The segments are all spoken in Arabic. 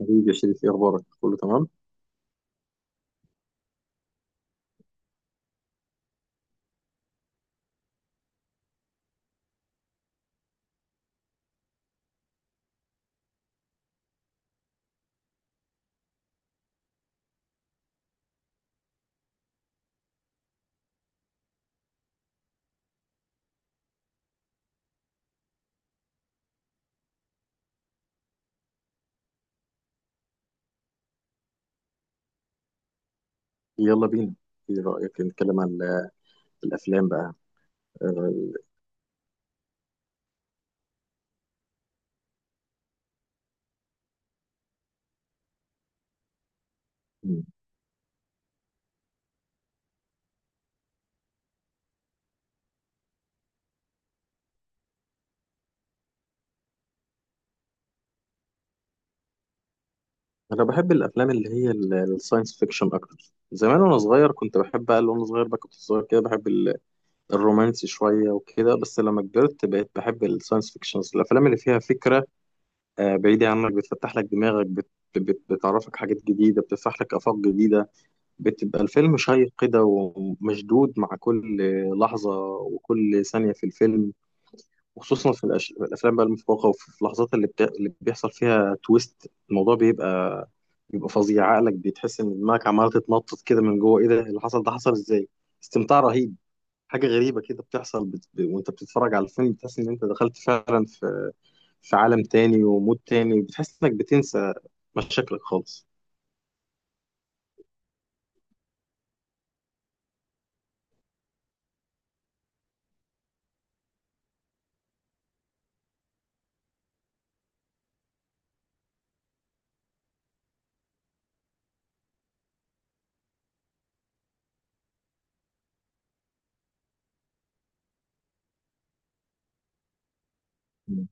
حبيبي يا شريف، ايه اخبارك؟ كله تمام. يلا بينا. ايه رايك نتكلم عن الافلام بقى؟ آه، ال- انا بحب الافلام اللي هي الساينس فيكشن اكتر. زمان وانا صغير بقى كنت صغير كده بحب الرومانسي شوية وكده. بس لما كبرت بقيت بحب الساينس فيكشنز، الأفلام اللي فيها فكرة بعيدة عنك، بتفتح لك دماغك، بت بت بتعرفك حاجات جديدة، بتفتح لك آفاق جديدة. بتبقى الفيلم شيق كده ومشدود مع كل لحظة وكل ثانية في الفيلم، وخصوصا في في الأفلام بقى المفوقة، وفي اللحظات اللي بيحصل فيها تويست، الموضوع بيبقى فظيع. عقلك بتحس إن دماغك عمالة تتنطط كده من جوه، إيه ده اللي حصل؟ ده حصل إزاي؟ استمتاع رهيب. حاجة غريبة كده بتحصل وانت بتتفرج على الفيلم بتحس ان انت دخلت فعلا في عالم تاني ومود تاني، بتحس انك بتنسى مشاكلك خالص. مم.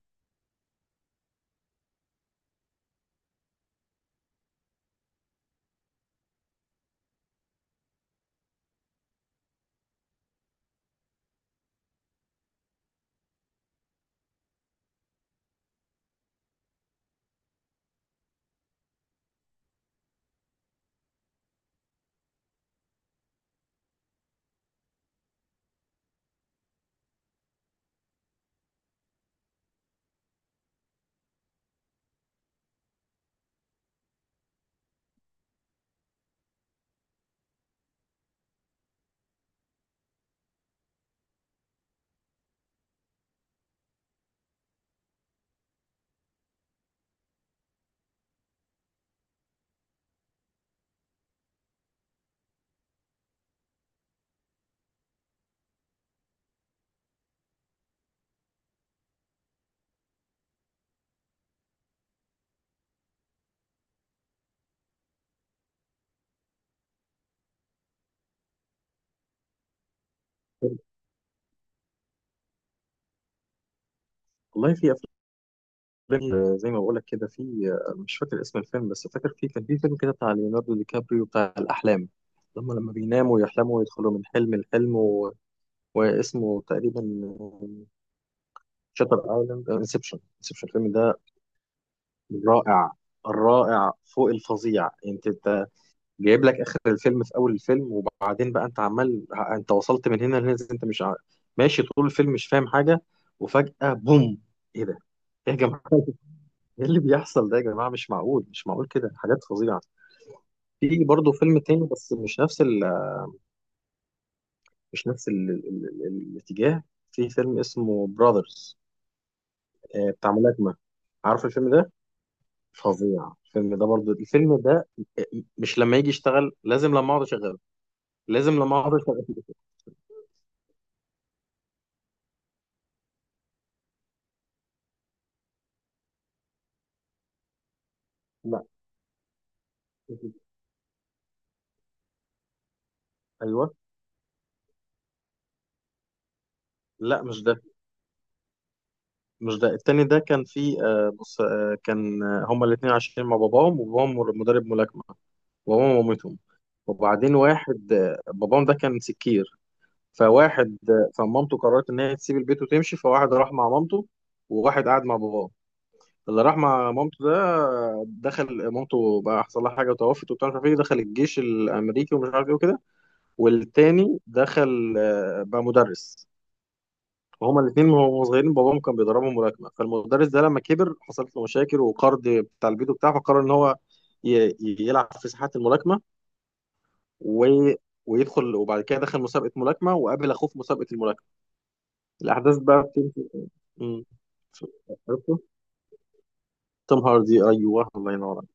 والله في افلام، زي ما بقول لك كده، في مش فاكر اسم الفيلم بس فاكر في كان في فيلم كده بتاع ليوناردو دي كابريو بتاع الاحلام، لما بيناموا ويحلموا ويدخلوا من حلم لحلم، و... واسمه تقريبا شاتر ايلاند، انسبشن، انسبشن، الفيلم ده رائع. الرائع فوق الفظيع يعني. انت جايب لك اخر الفيلم في اول الفيلم، وبعدين بقى انت وصلت من هنا لهنا إزاي؟ انت مش ماشي طول الفيلم مش فاهم حاجه، وفجاه بوم. ايه ده؟ ايه يا جماعه؟ ايه اللي بيحصل ده يا جماعه؟ مش معقول، مش معقول كده، حاجات فظيعه. في برضه فيلم تاني، بس مش نفس الاتجاه. في فيلم اسمه براذرز بتاع ملاكمه. عارف الفيلم ده؟ فظيع الفيلم ده. برضه الفيلم ده، آه، مش لما يجي يشتغل. لازم لما اقعد اشغله. لا. ايوه. لا، مش ده، مش ده. التاني ده كان في، بص، كان، هما الاتنين عايشين مع باباهم وباباهم مدرب ملاكمة، وباباهم ومامتهم. وبعدين واحد، باباهم ده كان سكير، فواحد، فمامته قررت إن هي تسيب البيت وتمشي، فواحد راح مع مامته وواحد قعد مع باباه. اللي راح مع مامته ده، دخل، مامته بقى حصل لها حاجة وتوفت وبتاع، مش عارف ايه، دخل الجيش الأمريكي ومش عارف ايه وكده. والتاني دخل بقى مدرس. هما الاثنين وهما صغيرين باباهم كان بيدربهم ملاكمه. فالمدرس ده لما كبر حصلت له مشاكل وقرض بتاع البيت وبتاع، فقرر ان هو يلعب في ساحات الملاكمه، و... ويدخل. وبعد كده دخل مسابقه ملاكمه وقابل اخوه في مسابقه الملاكمه. الاحداث بقى بتمشي. مم. عرفته. توم هاردي، ايوه، الله ينور عليك.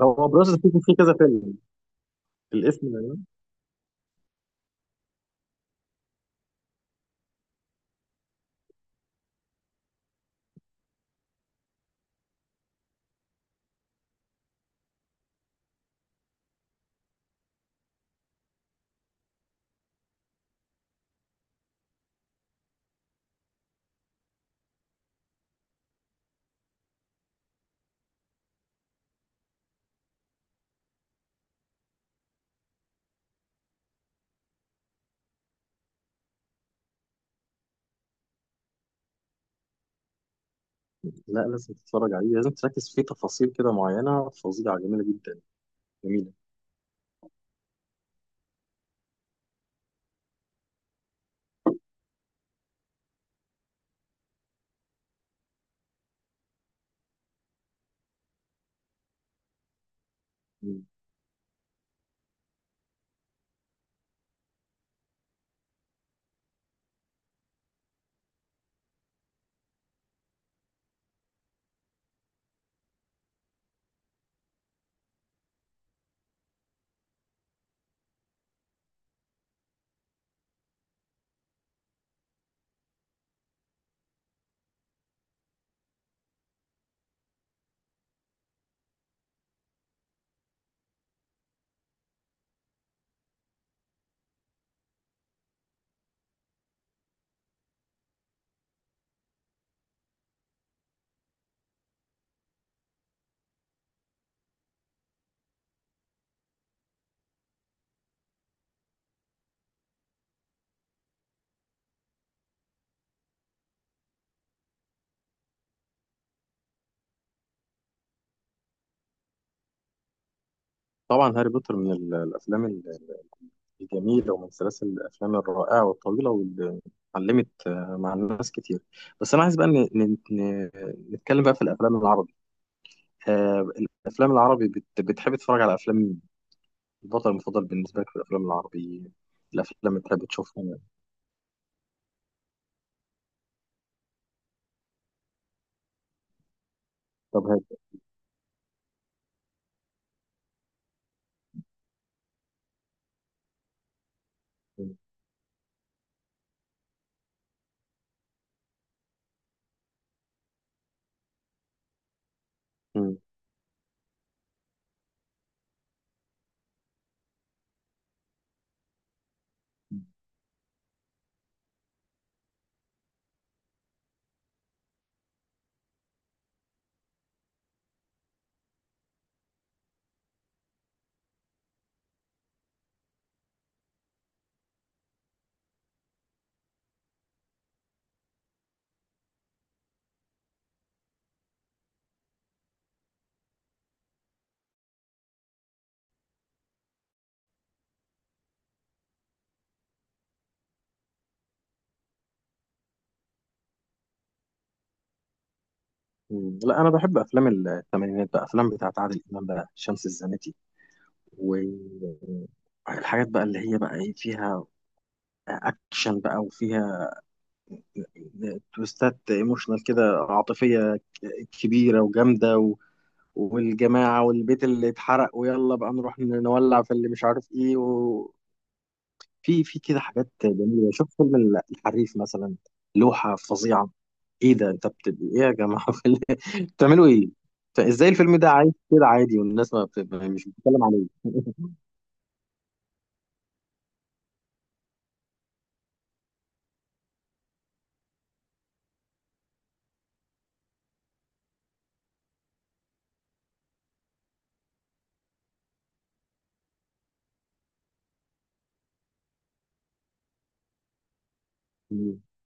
هو بروسس فيه كذا فيلم. الاسم ده- لا، لازم تتفرج عليه، لازم تركز فيه، تفاصيل كده معينه فظيعه، جميله جدا. جميله. مم. طبعا هاري بوتر من الافلام جميلة ومن سلاسل الأفلام الرائعة والطويلة، واللي علمت، مع الناس كتير. بس أنا عايز بقى نتكلم بقى في الأفلام العربي. آه، الأفلام العربي، بتحب تتفرج على أفلام مين؟ البطل المفضل بالنسبة لك في الأفلام العربي؟ الأفلام اللي بتحب تشوفها؟ طب هاد. مم. مم. لا، أنا بحب أفلام الثمانينات بقى، أفلام بتاعت عادل إمام بقى، شمس الزناتي، والحاجات بقى اللي هي بقى إيه، فيها أكشن بقى، وفيها تويستات، ايموشنال كده، عاطفية كبيرة وجامدة، و... والجماعة والبيت اللي اتحرق ويلا بقى نروح نولع في اللي مش عارف ايه، وفي كده حاجات جميلة. شوف فيلم الحريف مثلا، لوحة فظيعة. ايه ده انت ايه يا جماعة؟ بتعملوا ايه؟ فازاي الفيلم ده عايش كده عادي والناس ما بت... مش بتتكلم عليه؟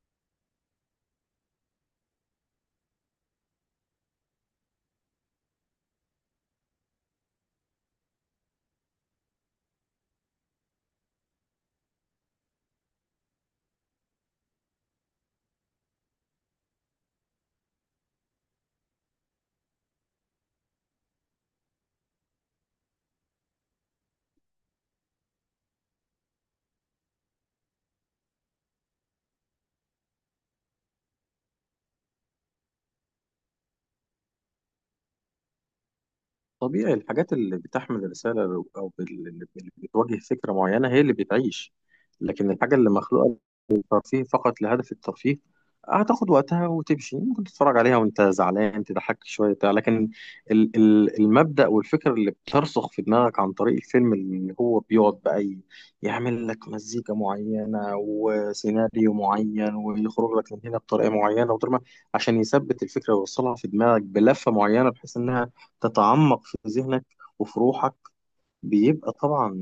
طبيعي. الحاجات اللي بتحمل رسالة، أو اللي بتواجه فكرة معينة، هي اللي بتعيش. لكن الحاجة اللي مخلوقة ترفيه، فقط لهدف الترفيه، هتاخد وقتها وتمشي. ممكن تتفرج عليها وانت زعلان، تضحك شويه بتاع لكن المبدأ والفكر اللي بترسخ في دماغك عن طريق الفيلم، اللي هو بيقعد بقى يعمل لك مزيكا معينه وسيناريو معين ويخرج لك من هنا بطريقه معينه وطريقة، عشان يثبت الفكره ويوصلها في دماغك بلفه معينه بحيث انها تتعمق في ذهنك وفي روحك، بيبقى طبعا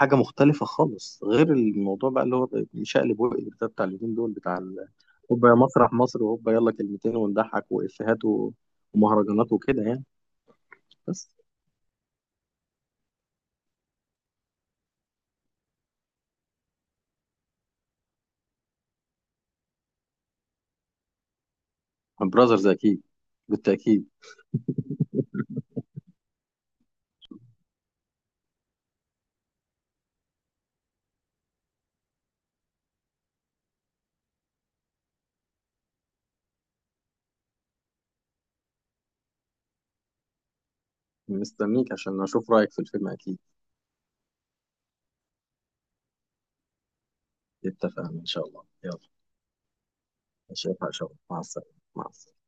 حاجه مختلفه خالص، غير الموضوع بقى اللي هو شقلب وقلب ده بتاع اليومين دول بتاع هوبا يا مسرح مصر، وهوبا يلا كلمتين ونضحك وافيهات ومهرجانات وكده يعني. بس براذرز اكيد. بالتاكيد. مستنيك عشان اشوف رايك في الفيلم اكيد. اتفقنا ان شاء الله. يلا. اشوفك ان شاء الله. مع السلامه. مع السلامه.